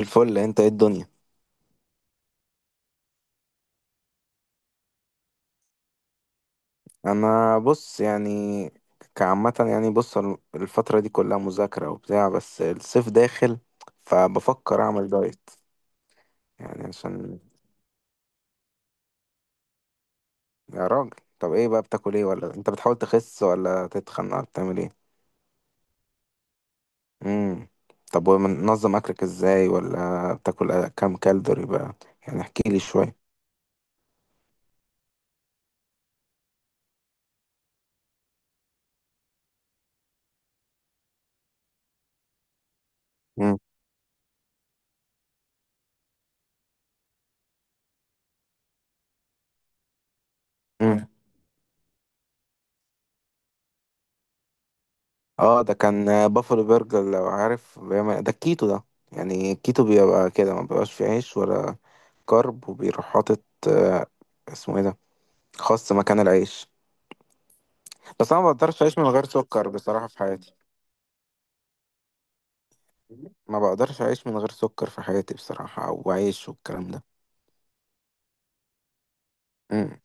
الفل. انت ايه الدنيا؟ انا بص يعني كعامة يعني الفترة دي كلها مذاكرة وبتاع، بس الصيف داخل فبفكر اعمل دايت يعني عشان. يا راجل، طب ايه بقى بتاكل ايه؟ ولا انت بتحاول تخس ولا تتخن ولا بتعمل ايه؟ امم طب ومنظم اكلك ازاي؟ ولا بتاكل كام كالوري بقى؟ يعني احكي لي شوية. امم امم اه، ده كان بافلو برجر، لو عارف ده الكيتو ده. يعني الكيتو بيبقى كده، ما بيبقاش فيه عيش ولا كرب، وبيروح حاطط آه، اسمه ايه ده، خس مكان العيش. بس انا ما بقدرش اعيش من غير سكر بصراحة في حياتي. ما بقدرش اعيش من غير سكر في حياتي بصراحة، او عيش والكلام ده. امم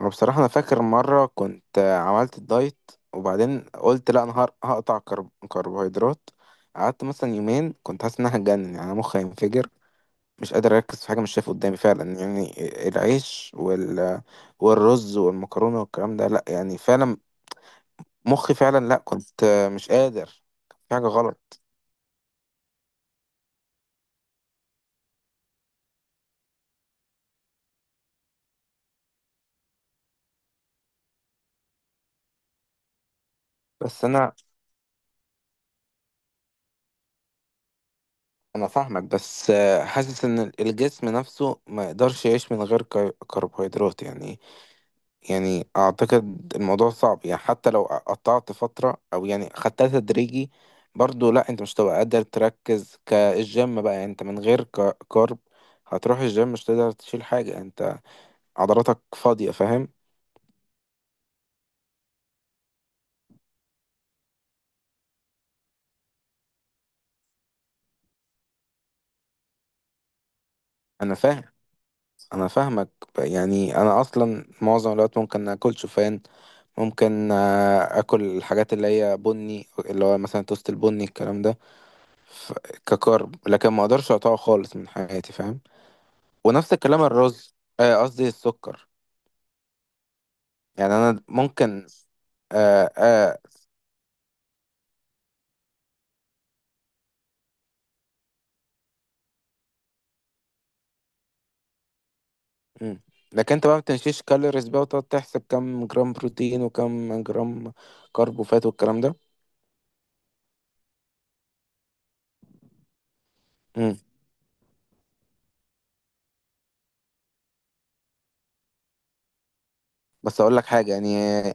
وبصراحة انا فاكر مرة كنت عملت الدايت، وبعدين قلت لا انا هقطع كربوهيدرات. قعدت مثلا يومين كنت حاسس ان انا هتجنن، يعني أنا مخي هينفجر، مش قادر اركز في حاجة، مش شايف قدامي فعلا، يعني العيش والرز والمكرونة والكلام ده، لا يعني فعلا مخي فعلا، لا كنت مش قادر، كان في حاجة غلط. بس انا انا فاهمك، بس حاسس ان الجسم نفسه ما يقدرش يعيش من غير كربوهيدرات يعني. يعني اعتقد الموضوع صعب، يعني حتى لو قطعت فترة او يعني خدتها تدريجي، برضو لا انت مش هتبقى قادر تركز كالجيم بقى. يعني انت من غير كارب هتروح الجيم مش تقدر تشيل حاجة، يعني انت عضلاتك فاضية، فاهم؟ انا فاهم، انا فاهمك. يعني انا اصلا معظم الوقت ممكن اكل شوفان، ممكن اكل الحاجات اللي هي بني، اللي هو مثلا توست البني الكلام ده، ف- ككارب، لكن ما اقدرش اقطعه خالص من حياتي، فاهم؟ ونفس الكلام الرز. قصدي السكر، يعني انا ممكن. آه آه مم. لكن انت بقى ما بتمشيش كالوريز بقى، وتقعد تحسب كم جرام بروتين وكم جرام كرب وفات والكلام ده؟ بس اقول لك حاجه يعني.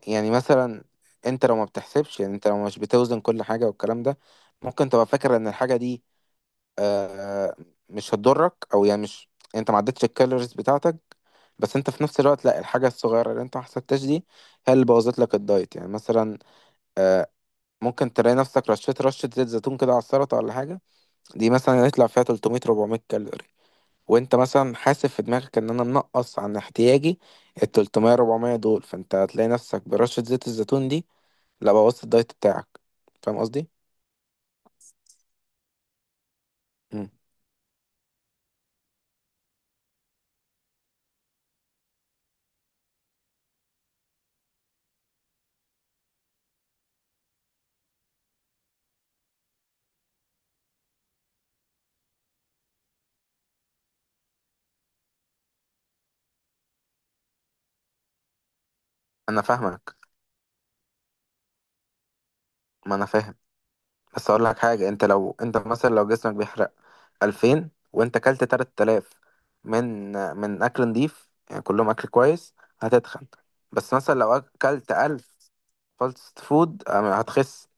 يعني مثلا، انت لو ما بتحسبش، يعني انت لو مش بتوزن كل حاجه والكلام ده، ممكن تبقى فاكر ان الحاجه دي آه مش هتضرك، او يعني مش انت ما عدتش الكالوريز بتاعتك، بس انت في نفس الوقت لا، الحاجه الصغيره اللي انت ما حسبتهاش دي هي اللي بوظت لك الدايت. يعني مثلا آه ممكن تلاقي نفسك رشيت رشه زيت زيتون كده على السلطه ولا حاجه، دي مثلا يطلع فيها 300 400 كالوري، وانت مثلا حاسب في دماغك ان انا منقص عن احتياجي ال 300 400 دول، فانت هتلاقي نفسك برشة زيت الزيتون دي لا بوظت الدايت بتاعك. فاهم قصدي؟ مم. انا فاهمك، ما انا فاهم. بس اقول لك حاجة، انت لو انت مثلا لو جسمك بيحرق 2000 وانت اكلت 3000 من من اكل نضيف يعني كلهم اكل كويس، هتتخن. بس مثلا لو اكلت 1000 فاست فود، هتخس.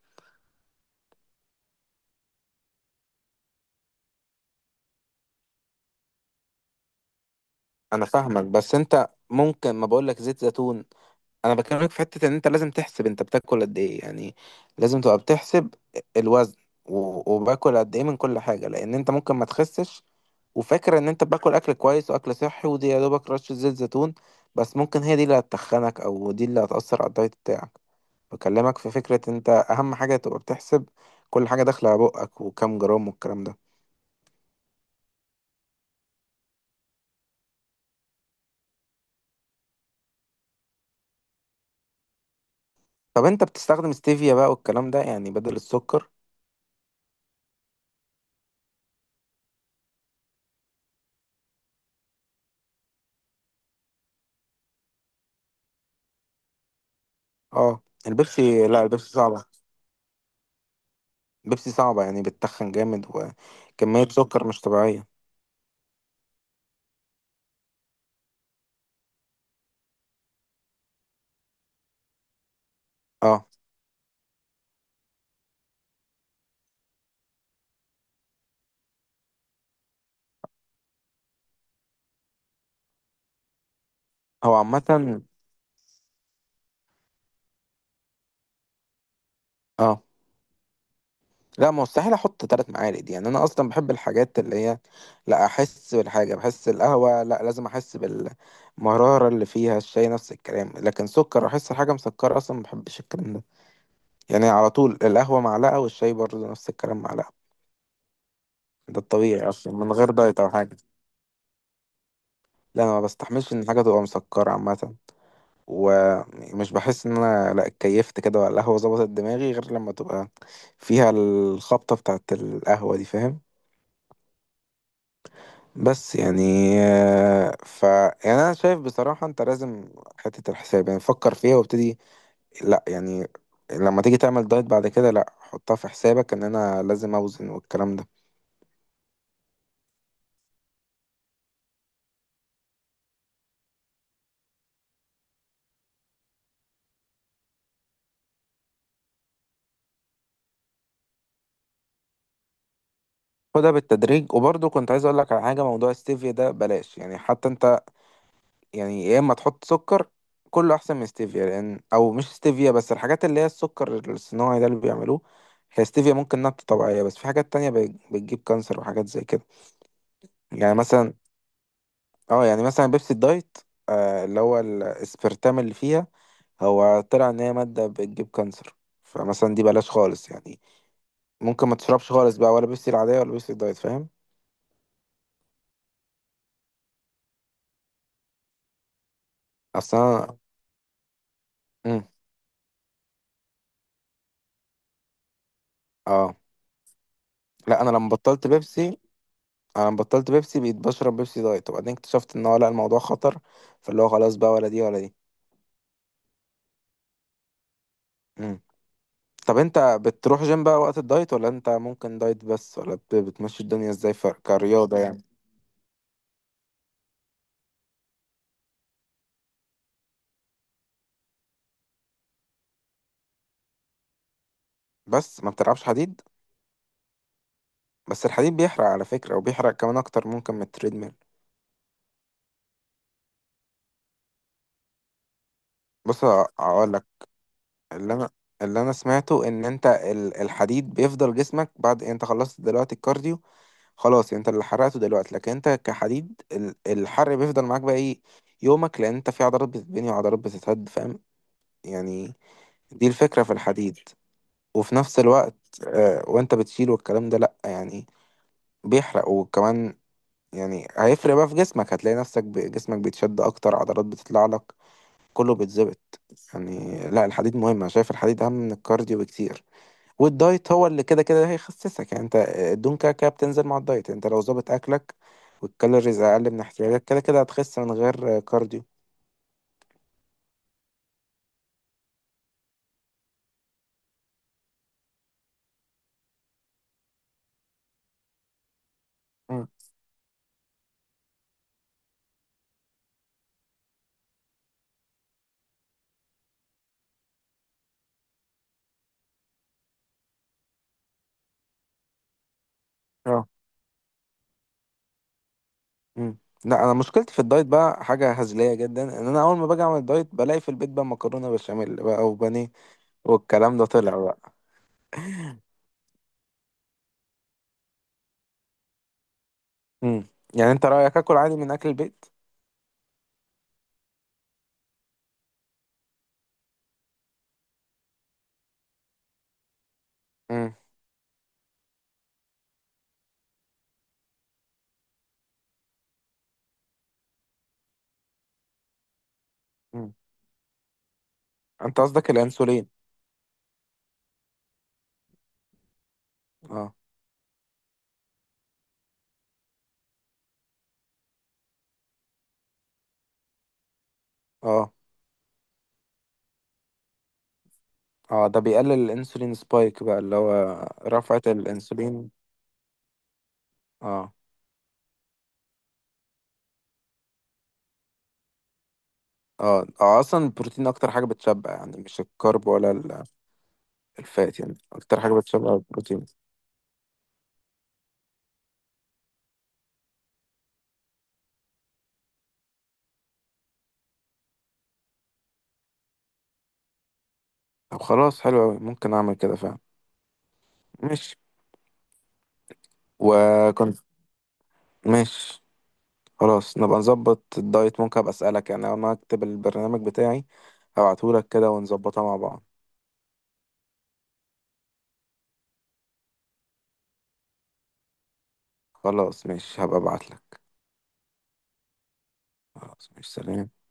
انا فاهمك، بس انت ممكن ما بقولك زيت زيتون، انا بكلمك في حتة ان انت لازم تحسب انت بتاكل قد ايه يعني. لازم تبقى بتحسب الوزن، وباكل قد ايه من كل حاجة، لان انت ممكن ما تخسش، وفاكر ان انت باكل اكل كويس واكل صحي، ودي يا دوبك رشة زيت زيتون، بس ممكن هي دي اللي هتتخنك، او دي اللي هتأثر على الدايت بتاعك. بكلمك في فكرة، انت اهم حاجة تبقى بتحسب كل حاجة داخلة على بقك وكام جرام والكلام ده. طب انت بتستخدم ستيفيا بقى والكلام ده يعني بدل السكر؟ اه البيبسي، لا البيبسي صعبة. بيبسي صعبة يعني بتتخن جامد، وكمية سكر مش طبيعية. اه، هو عامة. اه لا، ما مستحيل احط تلات معالق، يعني انا اصلا بحب الحاجات اللي هي لا، احس بالحاجة. بحس القهوة لا لازم احس بالمرارة اللي فيها، الشاي نفس الكلام، لكن سكر احس الحاجة مسكرة اصلا ما بحبش الكلام ده. يعني على طول القهوة معلقة، والشاي برضه نفس الكلام معلقة. ده الطبيعي اصلا من غير دايت او حاجة. لا انا ما بستحملش ان حاجة تبقى مسكرة عامة، ومش بحس ان انا لا، اتكيفت كده، ولا القهوه ظبطت دماغي غير لما تبقى فيها الخبطه بتاعت القهوه دي، فاهم؟ بس يعني ف يعني انا شايف بصراحه انت لازم حته الحساب، يعني فكر فيها وابتدي. لا يعني لما تيجي تعمل دايت بعد كده، لا حطها في حسابك ان انا لازم اوزن والكلام ده. خدها بالتدريج. وبرضه كنت عايز اقول لك على حاجه، موضوع ستيفيا ده بلاش يعني، حتى انت. يعني يا اما تحط سكر، كله احسن من ستيفيا، لان او مش ستيفيا بس، الحاجات اللي هي السكر الصناعي ده اللي بيعملوه، هي ستيفيا ممكن نبتة طبيعية، بس في حاجات تانية بتجيب كانسر وحاجات زي كده. يعني مثلا، اه يعني مثلا بيبسي الدايت، اللي هو الاسبرتام اللي فيها، هو طلع ان هي مادة بتجيب كانسر، فمثلا دي بلاش خالص يعني. ممكن ما تشربش خالص بقى، ولا بيبسي العادية ولا بيبسي الدايت، فاهم؟ اصل انا. مم. اه لا، انا لما بطلت بيبسي، انا بطلت بيبسي بقيت بشرب بيبسي دايت، وبعدين اكتشفت ان هو لا الموضوع خطر، فاللي هو خلاص بقى ولا دي ولا دي. مم. طب انت بتروح جيم بقى وقت الدايت؟ ولا انت ممكن دايت بس؟ ولا بتمشي الدنيا ازاي كرياضة يعني؟ بس ما بتلعبش حديد. بس الحديد بيحرق على فكرة، وبيحرق كمان اكتر ممكن من التريدميل. بص اقول لك. اللي انا اللي انا سمعته ان انت الحديد بيفضل جسمك بعد انت خلصت دلوقتي الكارديو خلاص، يعني انت اللي حرقته دلوقتي، لكن انت كحديد الحرق بيفضل معاك بقى ايه يومك، لان انت في عضلات بتتبني وعضلات بتتهد، فاهم؟ يعني دي الفكرة في الحديد. وفي نفس الوقت وانت بتشيل والكلام ده، لا يعني بيحرق وكمان. يعني هيفرق بقى في جسمك، هتلاقي نفسك جسمك بيتشد اكتر، عضلات بتطلع لك، كله بيتظبط. يعني لا الحديد مهم. انا شايف الحديد اهم من الكارديو بكتير، والدايت هو اللي كده كده هيخسسك. يعني انت الدهون كده كده بتنزل مع الدايت، انت لو ظابط اكلك والكالوريز اقل من احتياجك كده كده هتخس من غير كارديو. مم. اه. مم. لا انا مشكلتي في الدايت بقى حاجه هزليه جدا، ان انا اول ما باجي اعمل دايت بلاقي في البيت بقى مكرونه بشاميل بقى وبانيه والكلام ده طلع بقى. مم. يعني انت رايك اكل عادي من اكل البيت؟ مم. مم. انت قصدك الانسولين؟ اه اه. اه، ده بيقلل الانسولين سبايك بقى اللي هو رفعة الانسولين. اه اه. اه اصلا البروتين اكتر حاجه بتشبع يعني، مش الكرب ولا الفات، يعني اكتر حاجه بتشبع البروتين. طب خلاص، حلو أوي، ممكن اعمل كده فعلا. ماشي. وكنت. ماشي. خلاص نبقى نظبط الدايت، ممكن ابقى اسالك يعني، اول ما اكتب البرنامج بتاعي هبعتهولك كده ونظبطها مع بعض. خلاص ماشي، هبقى ابعتلك. خلاص ماشي، سلام.